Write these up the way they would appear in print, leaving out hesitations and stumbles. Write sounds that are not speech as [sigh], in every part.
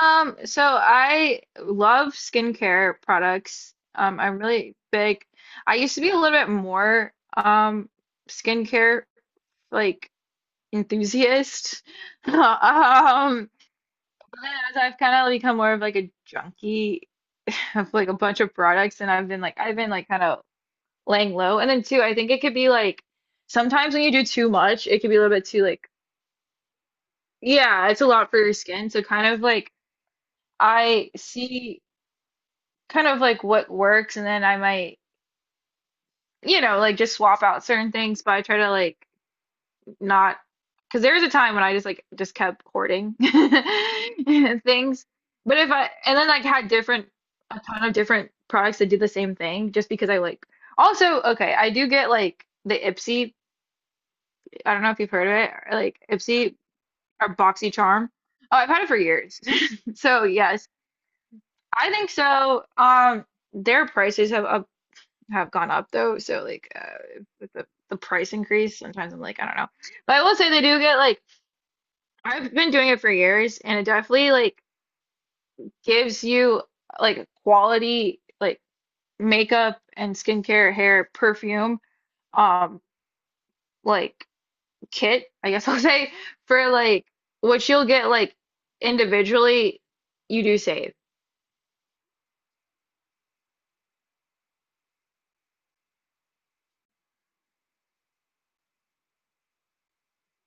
So I love skincare products. I'm really big. I used to be a little bit more skincare like enthusiast. [laughs] Um, as I've kind of become more of like a junkie of like a bunch of products and I've been like kind of laying low. And then too, I think it could be like sometimes when you do too much, it could be a little bit too like yeah, it's a lot for your skin. So kind of like I see kind of like what works and then I might, like just swap out certain things, but I try to like not because there was a time when I just like just kept hoarding [laughs] things. But if I and then like had different a ton of different products that do the same thing just because I like also okay, I do get like the Ipsy, I don't know if you've heard of it, or, like Ipsy or BoxyCharm. Oh, I've had it for years. [laughs] So yes, I think so. Their prices have up have gone up though. So like with the price increase, sometimes I'm like, I don't know. But I will say they do get like I've been doing it for years, and it definitely like gives you like quality like makeup and skincare, hair, perfume, um, like kit, I guess, [laughs] I'll say, for like what you'll get like individually, you do save.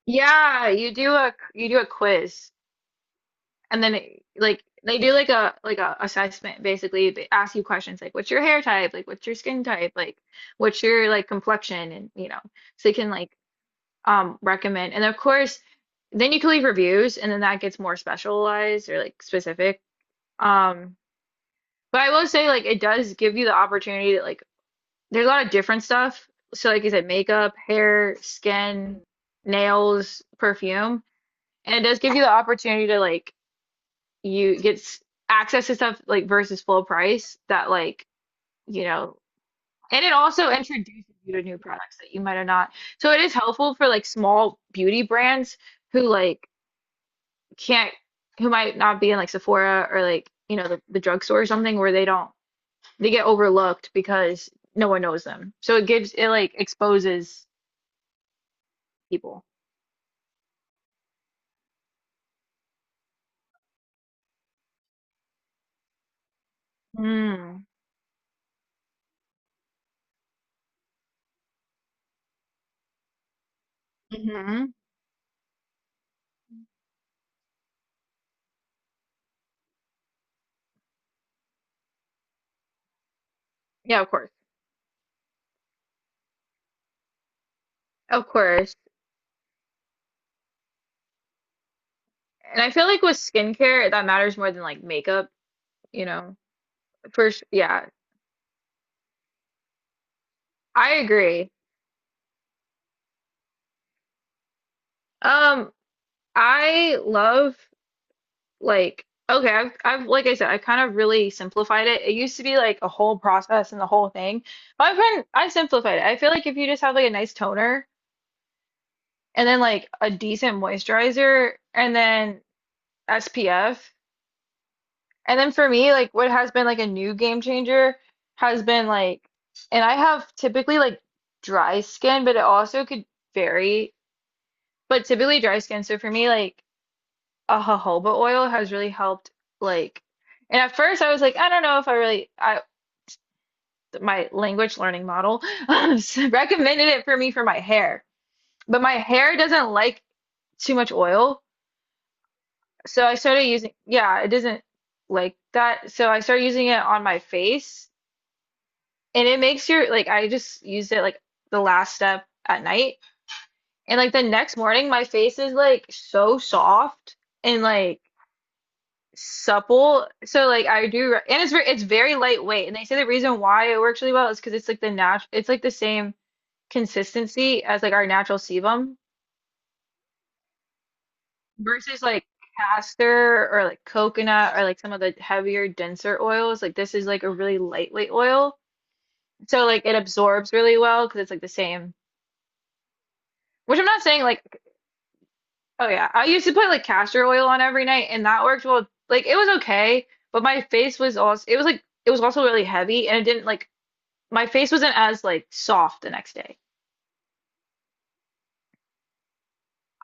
Yeah, you do a quiz. And then it, like they do like a assessment basically. They ask you questions like what's your hair type, like what's your skin type, like what's your like complexion, and you know. So you can like recommend. And of course, then you can leave reviews and then that gets more specialized or like specific. Um but I will say like it does give you the opportunity to like there's a lot of different stuff. So like I said, makeup, hair, skin, nails, perfume. And it does give you the opportunity to like you get access to stuff like versus full price that like you know, and it also introduces you to new products that you might have not, so it is helpful for like small beauty brands who like can't who might not be in like Sephora or like you know the drugstore or something where they don't they get overlooked because no one knows them, so it gives it like exposes people. mm. Hmm, yeah of course, of course, and I feel like with skincare that matters more than like makeup you know. For sure. Yeah, I agree. Um, I love like okay, I've like I said, I kind of really simplified it. It used to be like a whole process and the whole thing. But I've simplified it. I feel like if you just have like a nice toner and then like a decent moisturizer and then SPF, and then for me like what has been like a new game changer has been like and I have typically like dry skin, but it also could vary. But typically dry skin. So for me like a jojoba oil has really helped like, and at first I was like I don't know if I really I my language learning model [laughs] recommended it for me for my hair, but my hair doesn't like too much oil, so I started using yeah it doesn't like that, so I started using it on my face and it makes your like I just used it like the last step at night and like the next morning my face is like so soft and like supple. So like I do, and it's very lightweight. And they say the reason why it works really well is because it's like the same consistency as like our natural sebum versus like castor or like coconut or like some of the heavier, denser oils. Like this is like a really lightweight oil. So like it absorbs really well because it's like the same. Which I'm not saying like oh yeah, I used to put like castor oil on every night and that worked well. Like it was okay, but my face was also it was also really heavy and it didn't like my face wasn't as like soft the next day.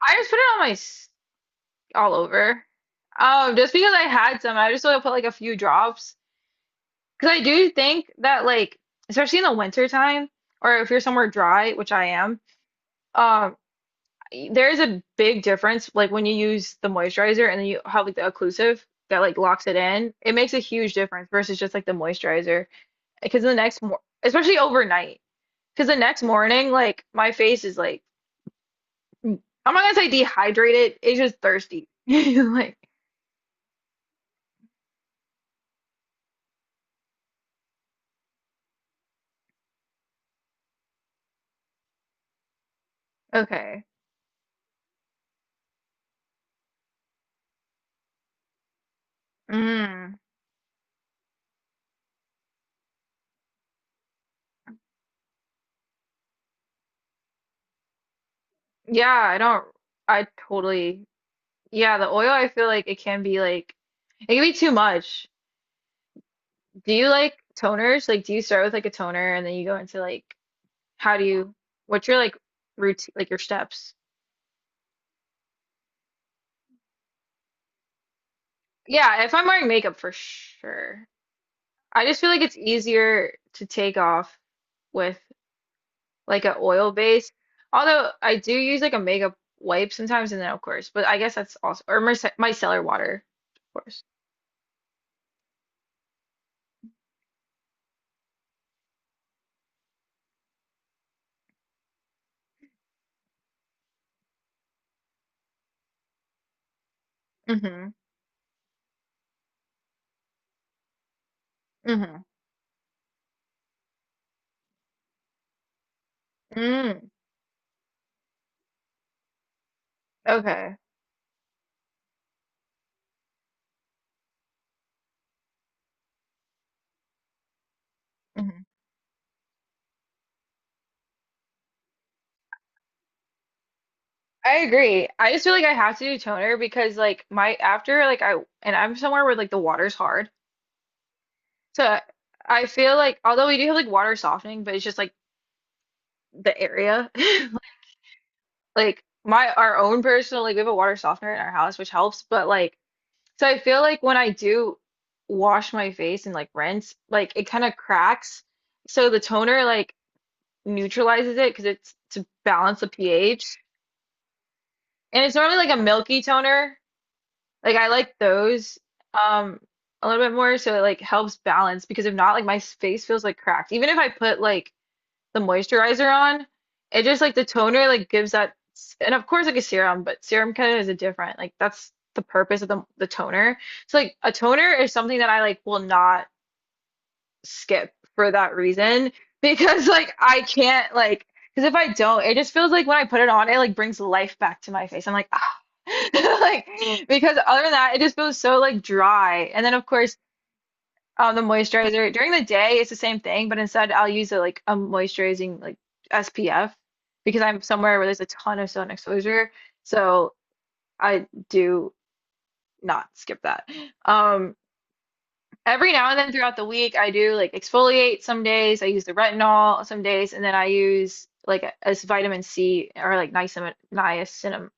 I just put it on all over. Just because I had some, I just want to put like a few drops because I do think that like especially in the winter time or if you're somewhere dry, which I am, um, there is a big difference like when you use the moisturizer and then you have like the occlusive that like locks it in. It makes a huge difference versus just like the moisturizer because the next mor especially overnight because the next morning like my face is like Mm. I'm not gonna say dehydrated. It's just thirsty. [laughs] Like, okay. Mm. Yeah, I don't. I totally. Yeah, the oil, I feel like it can be like, it can be too much. Do you like toners? Like, do you start with like a toner and then you go into like, how do you, what's your like routine, like your steps? Yeah, if I'm wearing makeup for sure. I just feel like it's easier to take off with. Like a oil base. Although I do use like a makeup wipe sometimes, and then of course, but I guess that's also or micellar water, of course. Hmm. Hmm. Mm. Okay. Hmm. I agree. I just feel like I have to do toner because like my after like I and I'm somewhere where like the water's hard, so I feel like although we do have like water softening, but it's just like the area, [laughs] like my our own personal like we have a water softener in our house which helps, but like. So I feel like when I do wash my face and like rinse, like it kind of cracks. So the toner like neutralizes it because it's to balance the pH. And it's normally like a milky toner. Like I like those um a little bit more so it like helps balance because if not like my face feels like cracked. Even if I put like the moisturizer on, it just like the toner like gives that and of course like a serum, but serum kind of is a different. Like that's the purpose of the toner. So like a toner is something that I like will not skip for that reason [laughs] because like I can't like because if I don't, it just feels like when I put it on, it like brings life back to my face. I'm like ah. [laughs] Like because other than that, it just feels so like dry. And then of course the moisturizer during the day it's the same thing, but instead I'll use a like a moisturizing like SPF because I'm somewhere where there's a ton of sun exposure. So I do not skip that. Um, every now and then throughout the week I do like exfoliate some days, I use the retinol some days, and then I use like a vitamin C or like niacinamide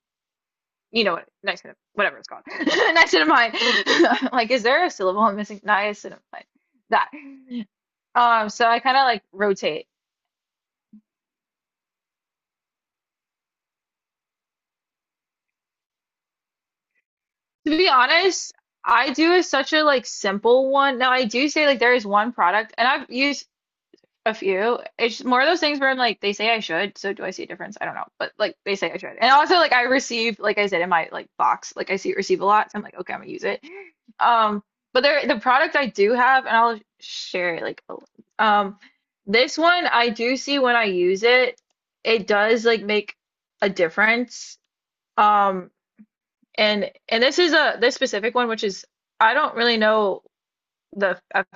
you know what, niacinamide, whatever it's called, [laughs] niacinamide. [laughs] Like, is there a syllable I'm missing? Niacinamide. That. So I kind of like rotate. To be honest, I do a, such a like simple one. Now I do say like there is one product, and I've used a few. It's more of those things where I'm like, they say I should, so do I see a difference? I don't know, but like they say I should. And also like I receive, like I said in my like box, like I see receive a lot, so I'm like, okay, I'm gonna use it. Um, but there the product I do have, and I'll share it like um this one I do see when I use it, it does like make a difference. Um and this is a this specific one, which is I don't really know the eff-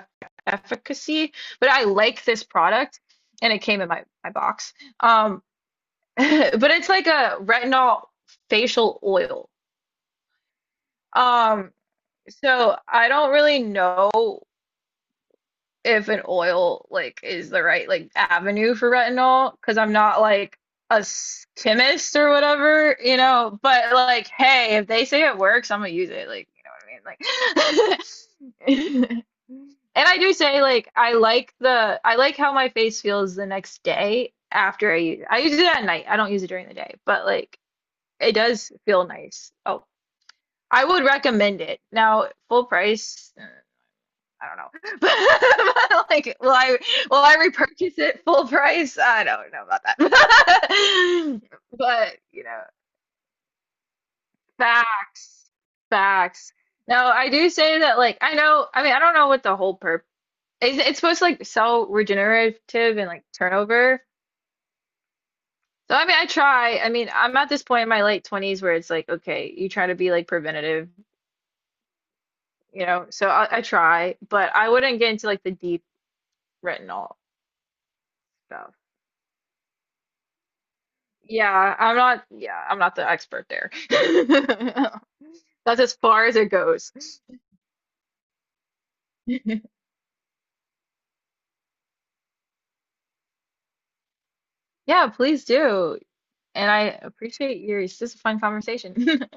efficacy, but I like this product and it came in my, my box. Um, [laughs] but it's like a retinol facial oil. Um, so I don't really know if an oil like is the right like avenue for retinol because I'm not like chemist or whatever, you know. But like, hey, if they say it works, I'm gonna use it. Like, you know what I mean? Like, [laughs] and I do say like I like the I like how my face feels the next day after I use it. I use it at night. I don't use it during the day, but like it does feel nice. Oh, I would recommend it. Now, full price. I don't know. [laughs] But like, will I repurchase it full price? I don't know about that. [laughs] But you know, facts, facts. No, I do say that. Like, I know. I mean, I don't know what the whole purpose. It's supposed to like sell regenerative and like turnover. So I mean, I try. I mean, I'm at this point in my late 20s where it's like, okay, you try to be like preventative, you know. So I try, but I wouldn't get into like the deep retinol stuff. Yeah, I'm not the expert there. [laughs] That's as far as it goes. [laughs] Yeah, please do. And I appreciate your, this is a fun conversation. [laughs]